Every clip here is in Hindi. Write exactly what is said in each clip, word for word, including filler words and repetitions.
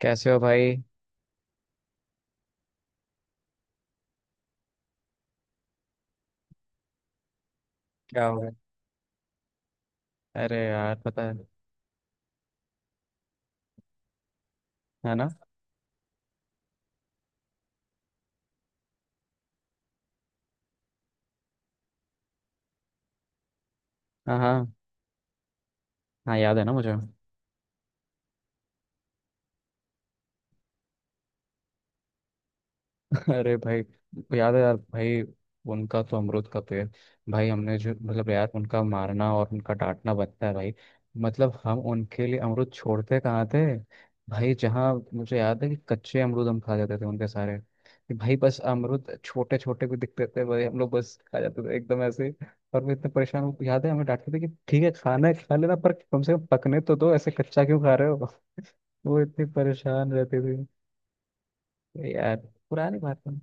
कैसे हो भाई? क्या हो गया? अरे यार, पता है। है ना। हाँ हाँ। हाँ, याद है ना मुझे। अरे भाई, याद है यार भाई। उनका तो अमरूद का पेड़। भाई हमने जो मतलब यार, उनका मारना और उनका डांटना बनता है भाई। मतलब हम उनके लिए अमरूद छोड़ते कहाँ थे। भाई, जहाँ मुझे याद है कि कच्चे अमरूद हम खा जाते थे उनके सारे। कि भाई बस अमरूद छोटे छोटे भी दिखते थे भाई, हम लोग बस खा जाते थे एकदम ऐसे ही। और वो इतने परेशान, वो याद है हमें डांटते थे कि ठीक है, खाना है खा लेना, पर कम से कम पकने तो दो। ऐसे कच्चा क्यों खा रहे हो। वो इतनी परेशान रहती थी। यार, पुरानी बात है।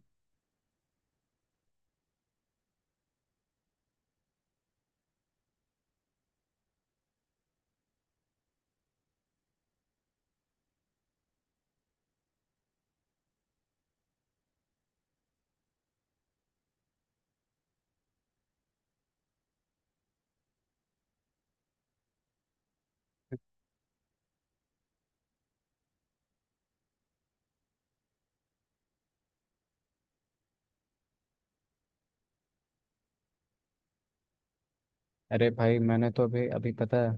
अरे भाई, मैंने तो अभी अभी पता है।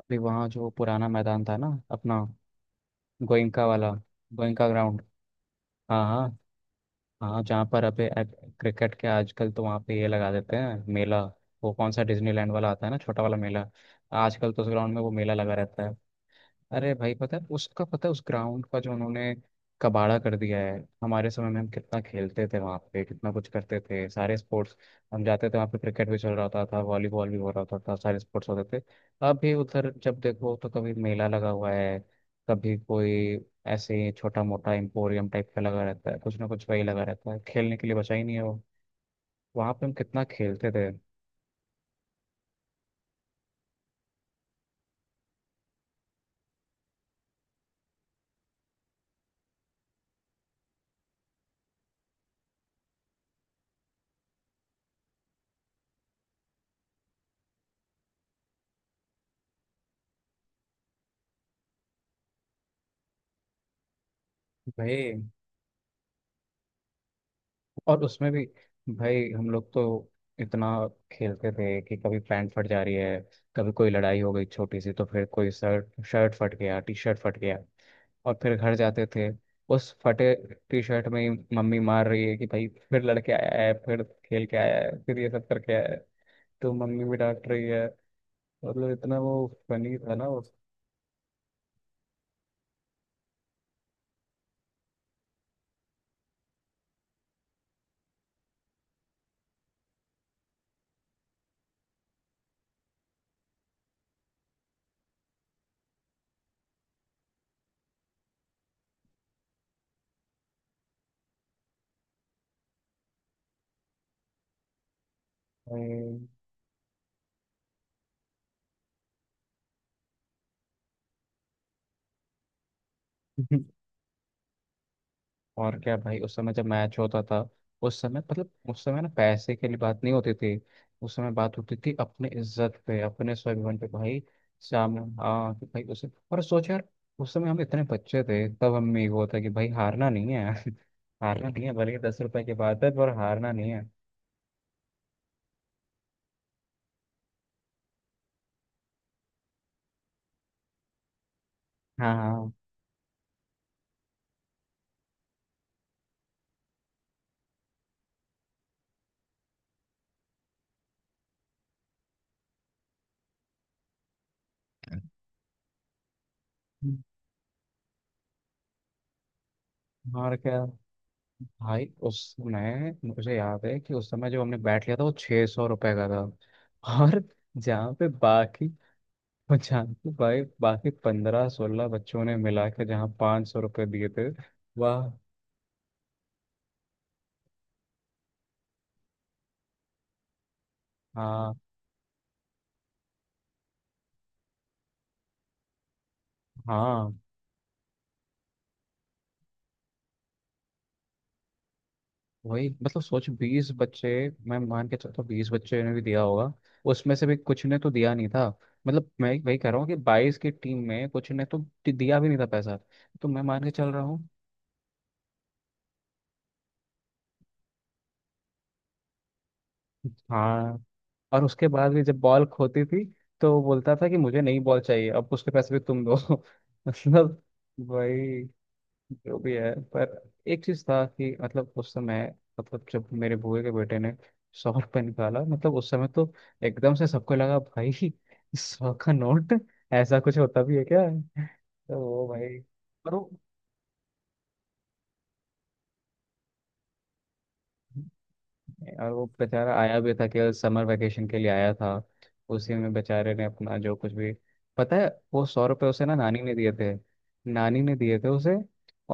अभी वहाँ जो पुराना मैदान था ना, अपना गोइंका वाला, गोइंका ग्राउंड। हाँ हाँ। हाँ, जहाँ पर अभी अब क्रिकेट के आजकल तो वहाँ पे ये लगा देते हैं, मेला। वो कौन सा डिज्नीलैंड वाला आता है ना, छोटा वाला मेला। आजकल तो उस ग्राउंड में वो मेला लगा रहता है। अरे भाई, पता है उसका, पता है उस ग्राउंड का जो उन्होंने कबाड़ा कर दिया है। हमारे समय में हम कितना खेलते थे वहाँ पे, कितना कुछ करते थे, सारे स्पोर्ट्स। हम जाते थे वहाँ पे, क्रिकेट भी चल रहा होता था, वॉलीबॉल भी हो रहा होता था, सारे स्पोर्ट्स होते थे। अब भी उधर जब देखो तो कभी मेला लगा हुआ है, कभी कोई ऐसे ही छोटा मोटा एम्पोरियम टाइप का लगा रहता है, कुछ ना कुछ वही लगा रहता है। खेलने के लिए बचा ही नहीं है वो। वहाँ पे हम कितना खेलते थे। भाई, और उसमें भी भाई हम लोग तो इतना खेलते थे कि कभी पैंट फट जा रही है, कभी कोई लड़ाई हो गई छोटी सी तो फिर कोई शर्ट शर्ट फट गया, टी शर्ट फट गया। और फिर घर जाते थे उस फटे टी शर्ट में ही। मम्मी मार रही है कि भाई फिर लड़के आया है, फिर खेल के आया है, फिर ये सब करके आया है। तो मम्मी भी डांट रही है। मतलब इतना वो फनी था ना उस। हम्म। और क्या भाई, उस समय जब मैच होता था, उस समय मतलब उस समय ना पैसे के लिए बात नहीं होती थी। उस समय बात होती थी अपने इज्जत पे, अपने स्वाभिमान पे भाई। सामने, हाँ कि भाई उसे, और सोच यार, उस समय हम इतने बच्चे थे, तब हमें ये होता कि भाई हारना नहीं है। हारना नहीं है, भले ही दस रुपए की बात है, पर हारना नहीं है। हाँ हाँ। हम्म, और क्या भाई। उस समय मुझे याद है कि उस समय जो हमने बैट लिया था वो छह सौ रुपए का था। और जहाँ पे बाकी, और जानकी भाई बाकी पंद्रह सोलह बच्चों ने मिला के जहाँ पाँच सौ रुपये दिए थे। वह। हाँ हाँ। वही मतलब सोच, बीस बच्चे। मैं मान के चलता हूँ बीस बच्चे ने भी दिया होगा, उसमें से भी कुछ ने तो दिया नहीं था। मतलब मैं वही कह रहा हूँ कि बाईस की टीम में कुछ ने तो दि- दिया भी नहीं था पैसा। तो मैं मान के चल रहा हूँ। हाँ। और उसके बाद भी जब बॉल खोती थी तो वो बोलता था कि मुझे नई बॉल चाहिए, अब उसके पैसे भी तुम दो। मतलब वही, जो भी है, पर एक चीज था कि मतलब उस समय, मतलब जब मेरे बुए के बेटे ने सौ रुपये निकाला, मतलब उस समय तो एकदम से सबको लगा भाई सौ का नोट ऐसा कुछ होता भी है क्या। तो वो भाई, पर वो, और वो बेचारा आया भी था केवल समर वेकेशन के लिए आया था। उसी में बेचारे ने अपना जो कुछ भी, पता है, वो सौ रुपए उसे ना नानी ने दिए थे। नानी ने दिए थे उसे।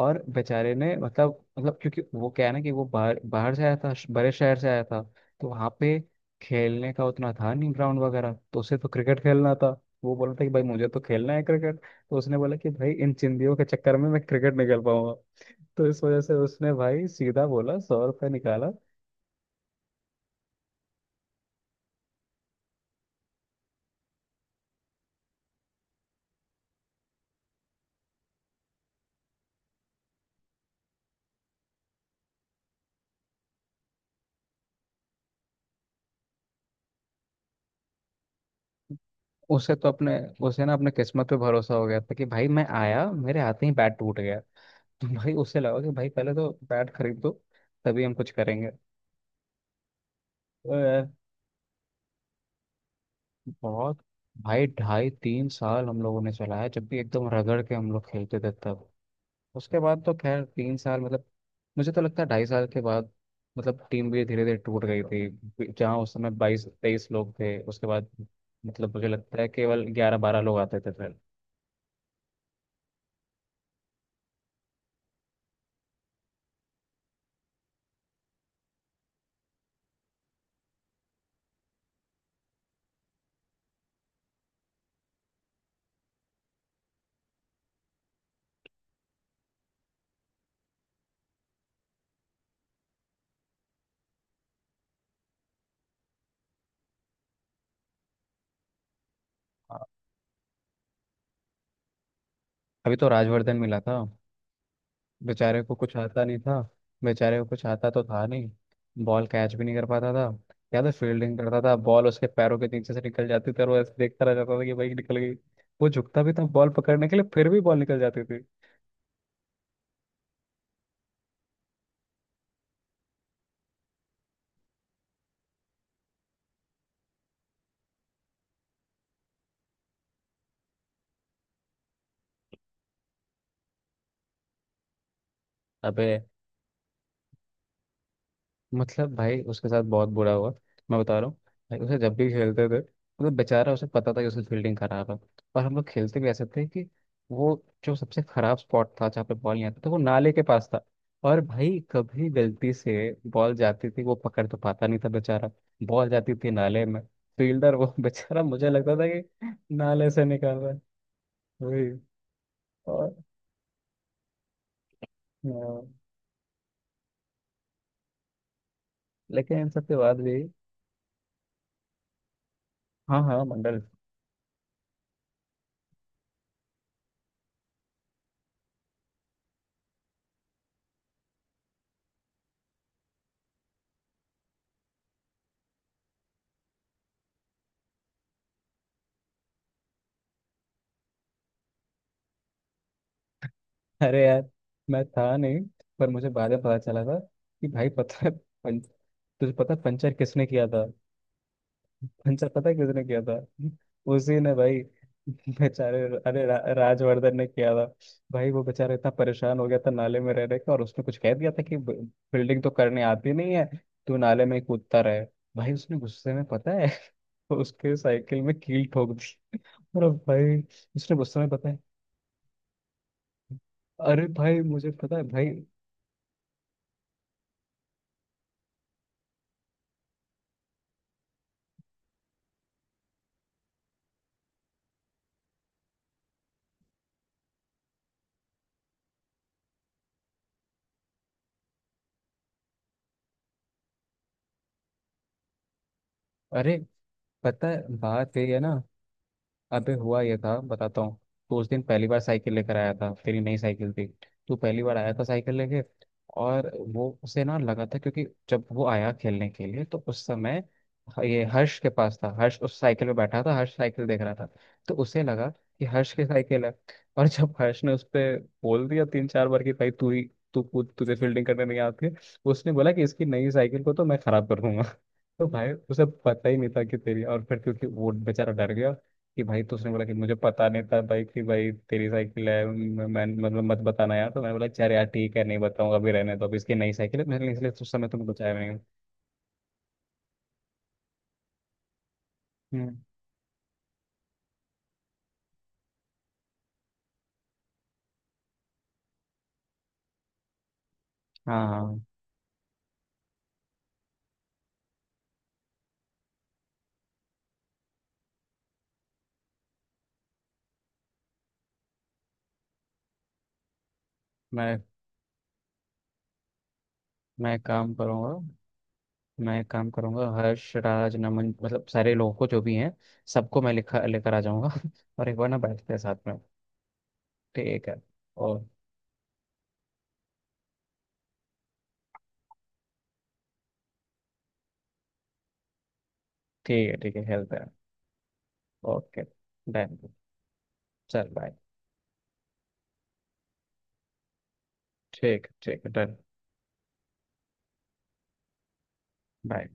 और बेचारे ने मतलब, मतलब क्योंकि वो क्या है ना कि वो बाहर, बाहर से आया था, श- बड़े शहर से आया था। तो वहाँ पे खेलने का उतना था नहीं, ग्राउंड वगैरह, तो उसे तो क्रिकेट खेलना था। वो बोला था कि भाई मुझे तो खेलना है क्रिकेट। तो उसने बोला कि भाई इन चिंदियों के चक्कर में मैं क्रिकेट नहीं खेल पाऊंगा। तो इस वजह से उसने भाई सीधा बोला, सौ रुपये निकाला। उसे तो अपने, उसे ना अपने किस्मत पे भरोसा हो गया था कि भाई मैं आया, मेरे हाथ में ही बैट टूट गया। तो भाई उसे लगा कि भाई पहले तो बैट खरीद दो, तभी हम कुछ करेंगे। तो यार बहुत, भाई ढाई तीन साल हम लोगों ने चलाया, जब भी एकदम रगड़ के हम लोग खेलते थे तब। उसके बाद तो खैर तीन साल मतलब, मुझे तो लगता है ढाई साल के बाद मतलब टीम भी धीरे धीरे टूट गई थी। जहाँ उस समय बाईस तेईस लोग थे, उसके बाद मतलब मुझे लगता है केवल ग्यारह बारह लोग आते थे फिर। अभी तो राजवर्धन मिला था, बेचारे को कुछ आता नहीं था। बेचारे को कुछ आता तो था नहीं, बॉल कैच भी नहीं कर पाता था। या तो फील्डिंग करता था, बॉल उसके पैरों के नीचे से निकल जाती थी और वो ऐसे देखता रह जाता था कि भाई निकल गई। वो झुकता भी था बॉल पकड़ने के लिए, फिर भी बॉल निकल जाती थी। अबे, मतलब भाई उसके साथ बहुत बुरा हुआ, मैं बता रहा हूँ। भाई उसे, जब भी खेलते थे मतलब, बेचारा, उसे पता था कि उसकी फील्डिंग खराब है। और हम लोग खेलते भी ऐसे थे कि वो जो सबसे खराब स्पॉट था जहाँ पे बॉल नहीं आता था, वो नाले के पास था। और भाई कभी गलती से बॉल जाती थी, वो पकड़ तो पाता नहीं था बेचारा। बॉल जाती थी नाले में, फील्डर वो बेचारा, मुझे लगता था कि नाले से निकाल रहा है। वही। और हाँ, लेकिन इन सब के बाद भी। हाँ हाँ, मंडल। अरे यार, मैं था नहीं, पर मुझे बाद में पता चला था कि भाई पता है पं, तुझे पता है पंचर किसने किया था। पंचर पता है किसने किया था? उसी ने भाई, बेचारे, अरे रा, राजवर्धन ने किया था। भाई वो बेचारा इतना परेशान हो गया था नाले में रह रहे के, और उसने कुछ कह दिया था कि ब- बिल्डिंग तो करने आती नहीं है, तू नाले में ही कूदता रहे। भाई उसने गुस्से में, पता है, उसके साइकिल में कील ठोक दी। और भाई उसने गुस्से में पता है। अरे भाई, मुझे पता है भाई। अरे, पता है बात यही है ना। अबे हुआ ये था, बताता हूँ। तो उस दिन पहली बार साइकिल लेकर आया था, तेरी नई साइकिल थी, तू पहली बार आया था साइकिल लेके। और वो उसे ना लगा था, क्योंकि जब वो आया खेलने के लिए, तो उस समय ये हर्ष के पास था, हर्ष उस साइकिल पे बैठा था, हर्ष साइकिल देख रहा था। तो उसे लगा कि हर्ष की साइकिल है। और जब हर्ष ने उस पर बोल दिया तीन चार बार कि भाई तू ही, तू खुद, तुझे फील्डिंग करने नहीं आती है, उसने बोला कि इसकी नई साइकिल को तो मैं खराब कर दूंगा। तो भाई उसे पता ही नहीं था कि तेरी, और फिर क्योंकि वो बेचारा डर गया कि भाई, तो उसने बोला कि मुझे पता नहीं था भाई कि भाई तेरी साइकिल है, मैं मैं- मतलब मत बताना यार। तो मैंने बोला, चल यार ठीक है, नहीं बताऊंगा, अभी रहने दो, अभी इसकी नई साइकिल है, मैंने इसलिए उस समय तुमको बचाया नहीं। हम्म। हाँ हाँ। मैं मैं एक काम करूंगा। मैं एक काम करूंगा, हर्ष, राज, नमन, मतलब सारे लोगों को जो भी हैं, सबको मैं लिखा लेकर आ जाऊंगा और एक बार ना बैठते हैं साथ में। ठीक है। और, ठीक है ठीक है, हेल्प है। Okay, done. चल बाय। ठीक, ठीक है डन। बाय।